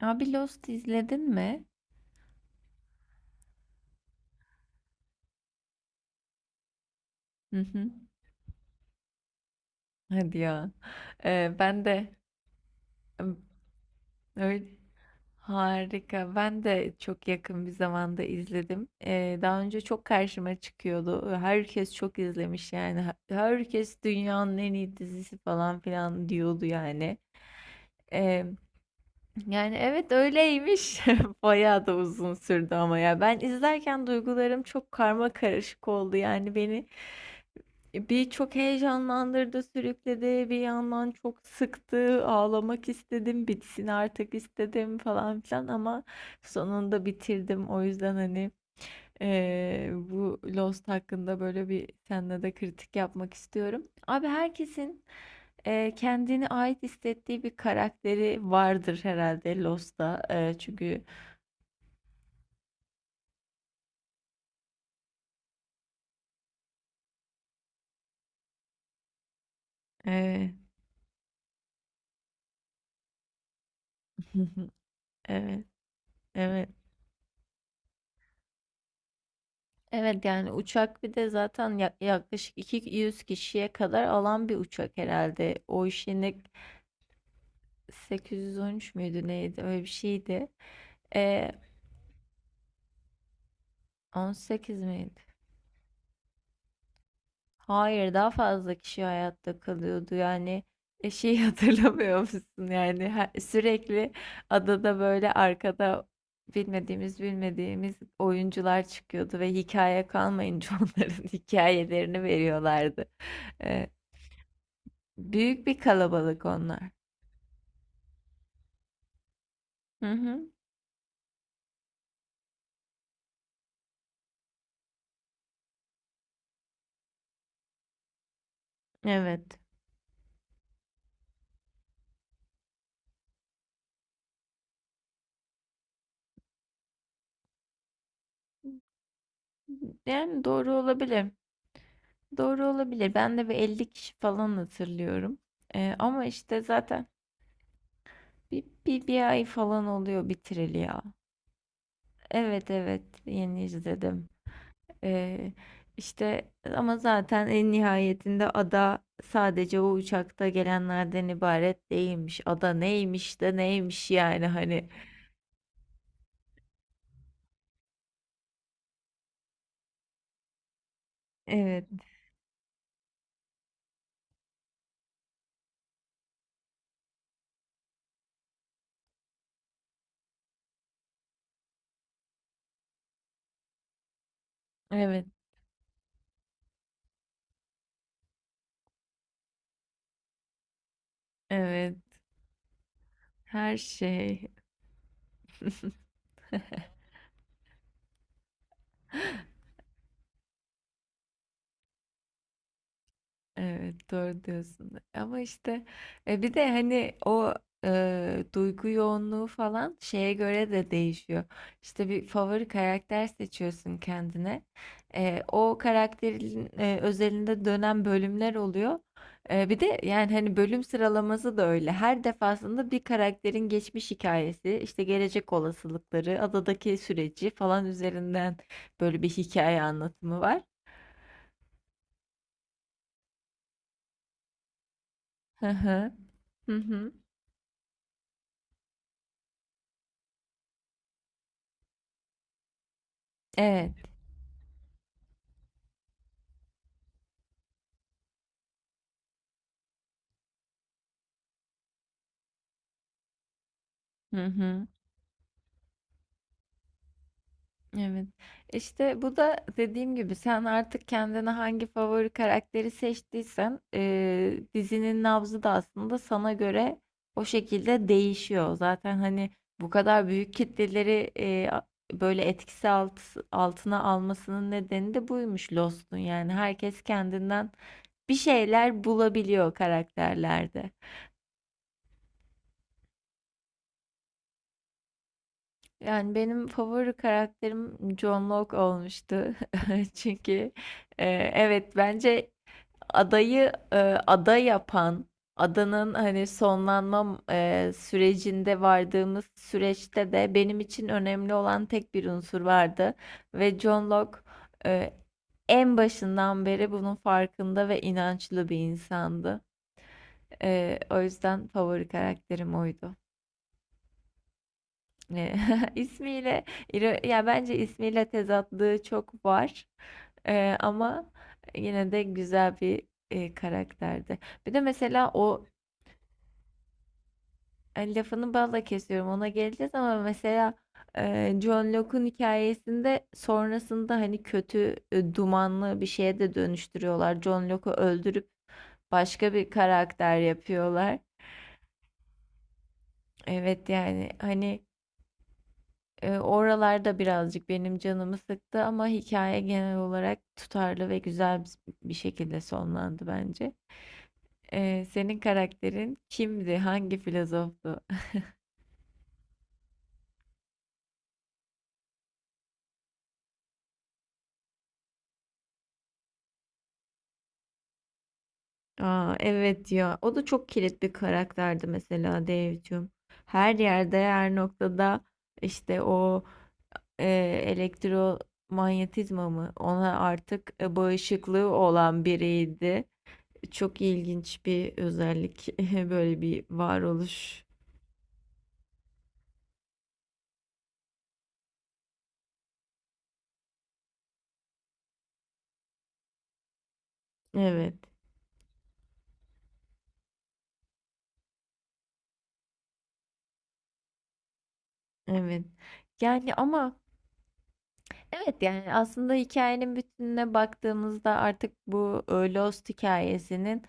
Abi Lost izledin mi? Hı hı. Hadi ya. Ben de ım, öyle harika. Ben de çok yakın bir zamanda izledim. Daha önce çok karşıma çıkıyordu. Herkes çok izlemiş yani. Herkes dünyanın en iyi dizisi falan filan diyordu yani. Ee, Yani evet öyleymiş. Bayağı da uzun sürdü ama ya. Ben izlerken duygularım çok karma karışık oldu yani beni. Bir çok heyecanlandırdı, sürükledi, bir yandan çok sıktı, ağlamak istedim, bitsin artık istedim falan filan ama sonunda bitirdim. O yüzden hani bu Lost hakkında böyle bir seninle de kritik yapmak istiyorum. Abi herkesin kendine ait hissettiği bir karakteri vardır herhalde Lost'ta. Çünkü eee, evet, evet. Evet yani uçak bir de zaten yaklaşık 200 kişiye kadar alan bir uçak herhalde. O işin 813 müydü neydi öyle bir şeydi. Ee, 18 miydi? Hayır daha fazla kişi hayatta kalıyordu yani şey hatırlamıyor musun yani sürekli adada böyle arkada bilmediğimiz oyuncular çıkıyordu ve hikaye kalmayınca onların hikayelerini veriyorlardı. Ee, Büyük bir kalabalık onlar. Hı hı. Evet. Yani doğru olabilir. Doğru olabilir. Ben de bir 50 kişi falan hatırlıyorum. Ama işte zaten bir ay falan oluyor bitireli ya. Evet evet yeni izledim. Ee, işte ama zaten en nihayetinde ada sadece o uçakta gelenlerden ibaret değilmiş. Ada neymiş de neymiş yani hani. Evet evet evet her şey. Evet, doğru diyorsun. Ama işte bir de hani o duygu yoğunluğu falan şeye göre de değişiyor. İşte bir favori karakter seçiyorsun kendine. O karakterin özelinde dönen bölümler oluyor. Bir de yani hani bölüm sıralaması da öyle. Her defasında bir karakterin geçmiş hikayesi, işte gelecek olasılıkları, adadaki süreci falan üzerinden böyle bir hikaye anlatımı var. Hı hı. Hı hı. Evet. Hı hı. Evet. İşte bu da dediğim gibi sen artık kendine hangi favori karakteri seçtiysen dizinin nabzı da aslında sana göre o şekilde değişiyor. Zaten hani bu kadar büyük kitleleri böyle altına almasının nedeni de buymuş Lost'un. Yani herkes kendinden bir şeyler bulabiliyor karakterlerde. Yani benim favori karakterim John Locke olmuştu. Çünkü e, evet bence adayı e, ada yapan, adanın hani sonlanma sürecinde vardığımız süreçte de benim için önemli olan tek bir unsur vardı. Ve John Locke e, en başından beri bunun farkında ve inançlı bir insandı. O yüzden favori karakterim oydu. Eee, ismiyle iro ya bence ismiyle tezatlığı çok var. Ama yine de güzel bir karakterdi. Bir de mesela o hani lafını balla kesiyorum ona geleceğiz ama mesela, John Locke'un hikayesinde sonrasında hani kötü, dumanlı bir şeye de dönüştürüyorlar. John Locke'u öldürüp başka bir karakter yapıyorlar. Evet, yani, hani oralarda birazcık benim canımı sıktı ama hikaye genel olarak tutarlı ve güzel bir şekilde sonlandı bence. Senin karakterin kimdi? Hangi filozoftu? Aa, evet ya. O da çok kilit bir karakterdi mesela Dave'cum. Her yerde, her noktada işte o e, elektromanyetizma mı? Ona artık bağışıklığı olan biriydi. Çok ilginç bir özellik. Böyle bir varoluş. Evet, evet. Yani ama evet yani aslında hikayenin bütününe baktığımızda artık bu Lost hikayesinin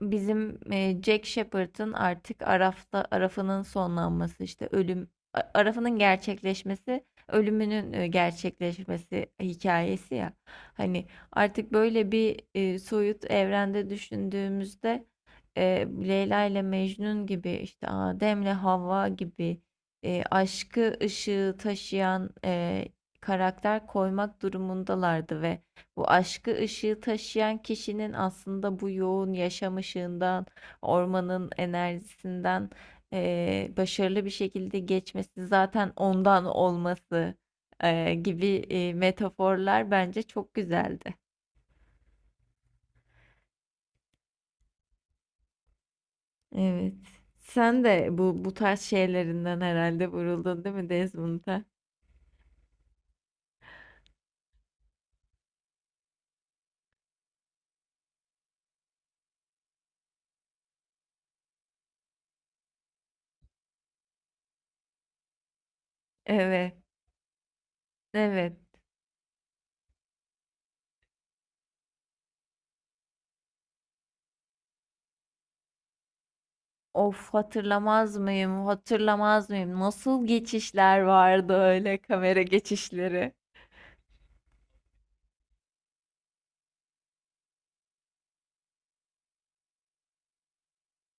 bizim Jack Shepherd'ın artık Araf'ta Araf'ının sonlanması işte Araf'ının gerçekleşmesi ölümünün gerçekleşmesi hikayesi ya hani artık böyle bir soyut evrende düşündüğümüzde e, Leyla ile Mecnun gibi işte Adem'le Havva gibi aşkı ışığı taşıyan karakter koymak durumundalardı ve bu aşkı ışığı taşıyan kişinin aslında bu yoğun yaşam ışığından, ormanın enerjisinden başarılı bir şekilde geçmesi zaten ondan olması gibi metaforlar bence çok güzeldi. Evet. Sen de bu bu tarz şeylerinden herhalde vuruldun değil mi Desmond'a? Evet, evet. Of hatırlamaz mıyım? Hatırlamaz mıyım? Nasıl geçişler vardı öyle kamera geçişleri?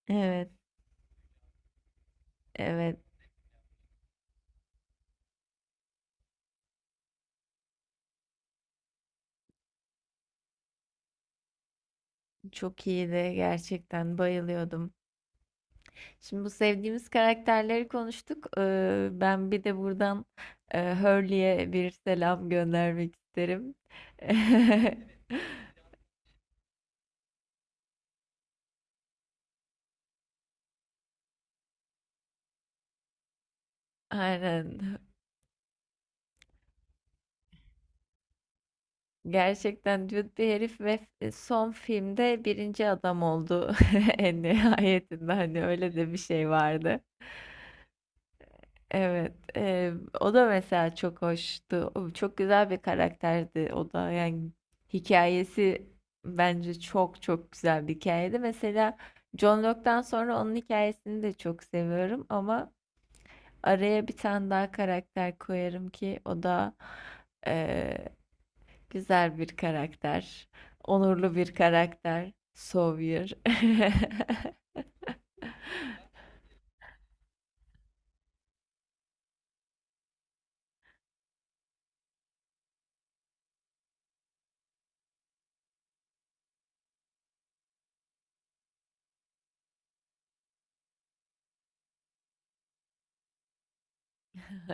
Evet. Evet, çok iyiydi gerçekten bayılıyordum. Şimdi bu sevdiğimiz karakterleri konuştuk. Ben bir de buradan Hurley'e bir selam göndermek isterim. Aynen. Gerçekten düet bir herif ve son filmde birinci adam oldu en nihayetinde hani öyle de bir şey vardı. Evet, o da mesela çok hoştu. O çok güzel bir karakterdi o da. Yani hikayesi bence çok çok güzel bir hikayeydi. Mesela John Locke'dan sonra onun hikayesini de çok seviyorum ama araya bir tane daha karakter koyarım ki o da eee, güzel bir karakter, onurlu bir karakter, Sawyer.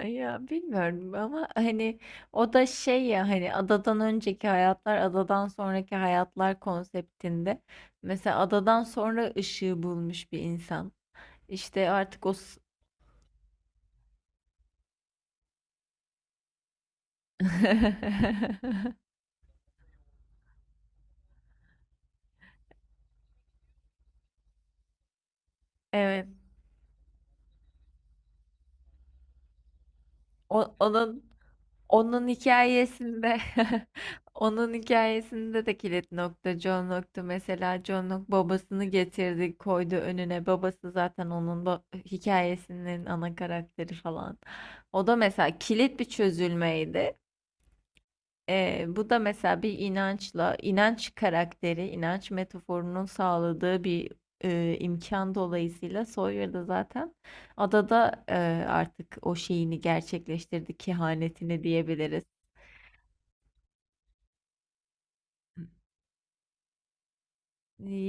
Ya bilmiyorum ama hani o da şey ya hani adadan önceki hayatlar adadan sonraki hayatlar konseptinde mesela adadan sonra ışığı bulmuş bir insan işte artık evet onun Onun hikayesinde onun hikayesinde de kilit nokta John Locke'tu. Mesela John Locke babasını getirdi, koydu önüne. Babası zaten onun hikayesinin ana karakteri falan. O da mesela kilit bir çözülmeydi. Bu da mesela bir inançla, inanç karakteri, inanç metaforunun sağladığı bir imkan dolayısıyla Sawyer da zaten adada artık o şeyini gerçekleştirdi, kehanetini diyebiliriz.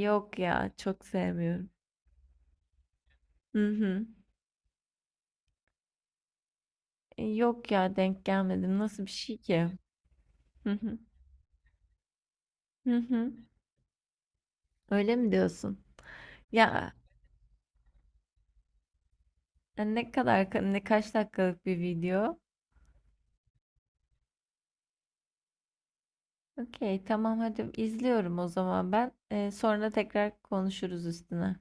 Yok ya çok sevmiyorum. Hı hı. Yok ya denk gelmedim. Nasıl bir şey ki? Hı hı. Hı hı. Öyle mi diyorsun? Ya ne kadar ne kaç dakikalık bir video? Okey tamam hadi izliyorum o zaman ben. Sonra tekrar konuşuruz üstüne.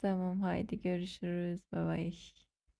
Tamam haydi görüşürüz. Bye bye.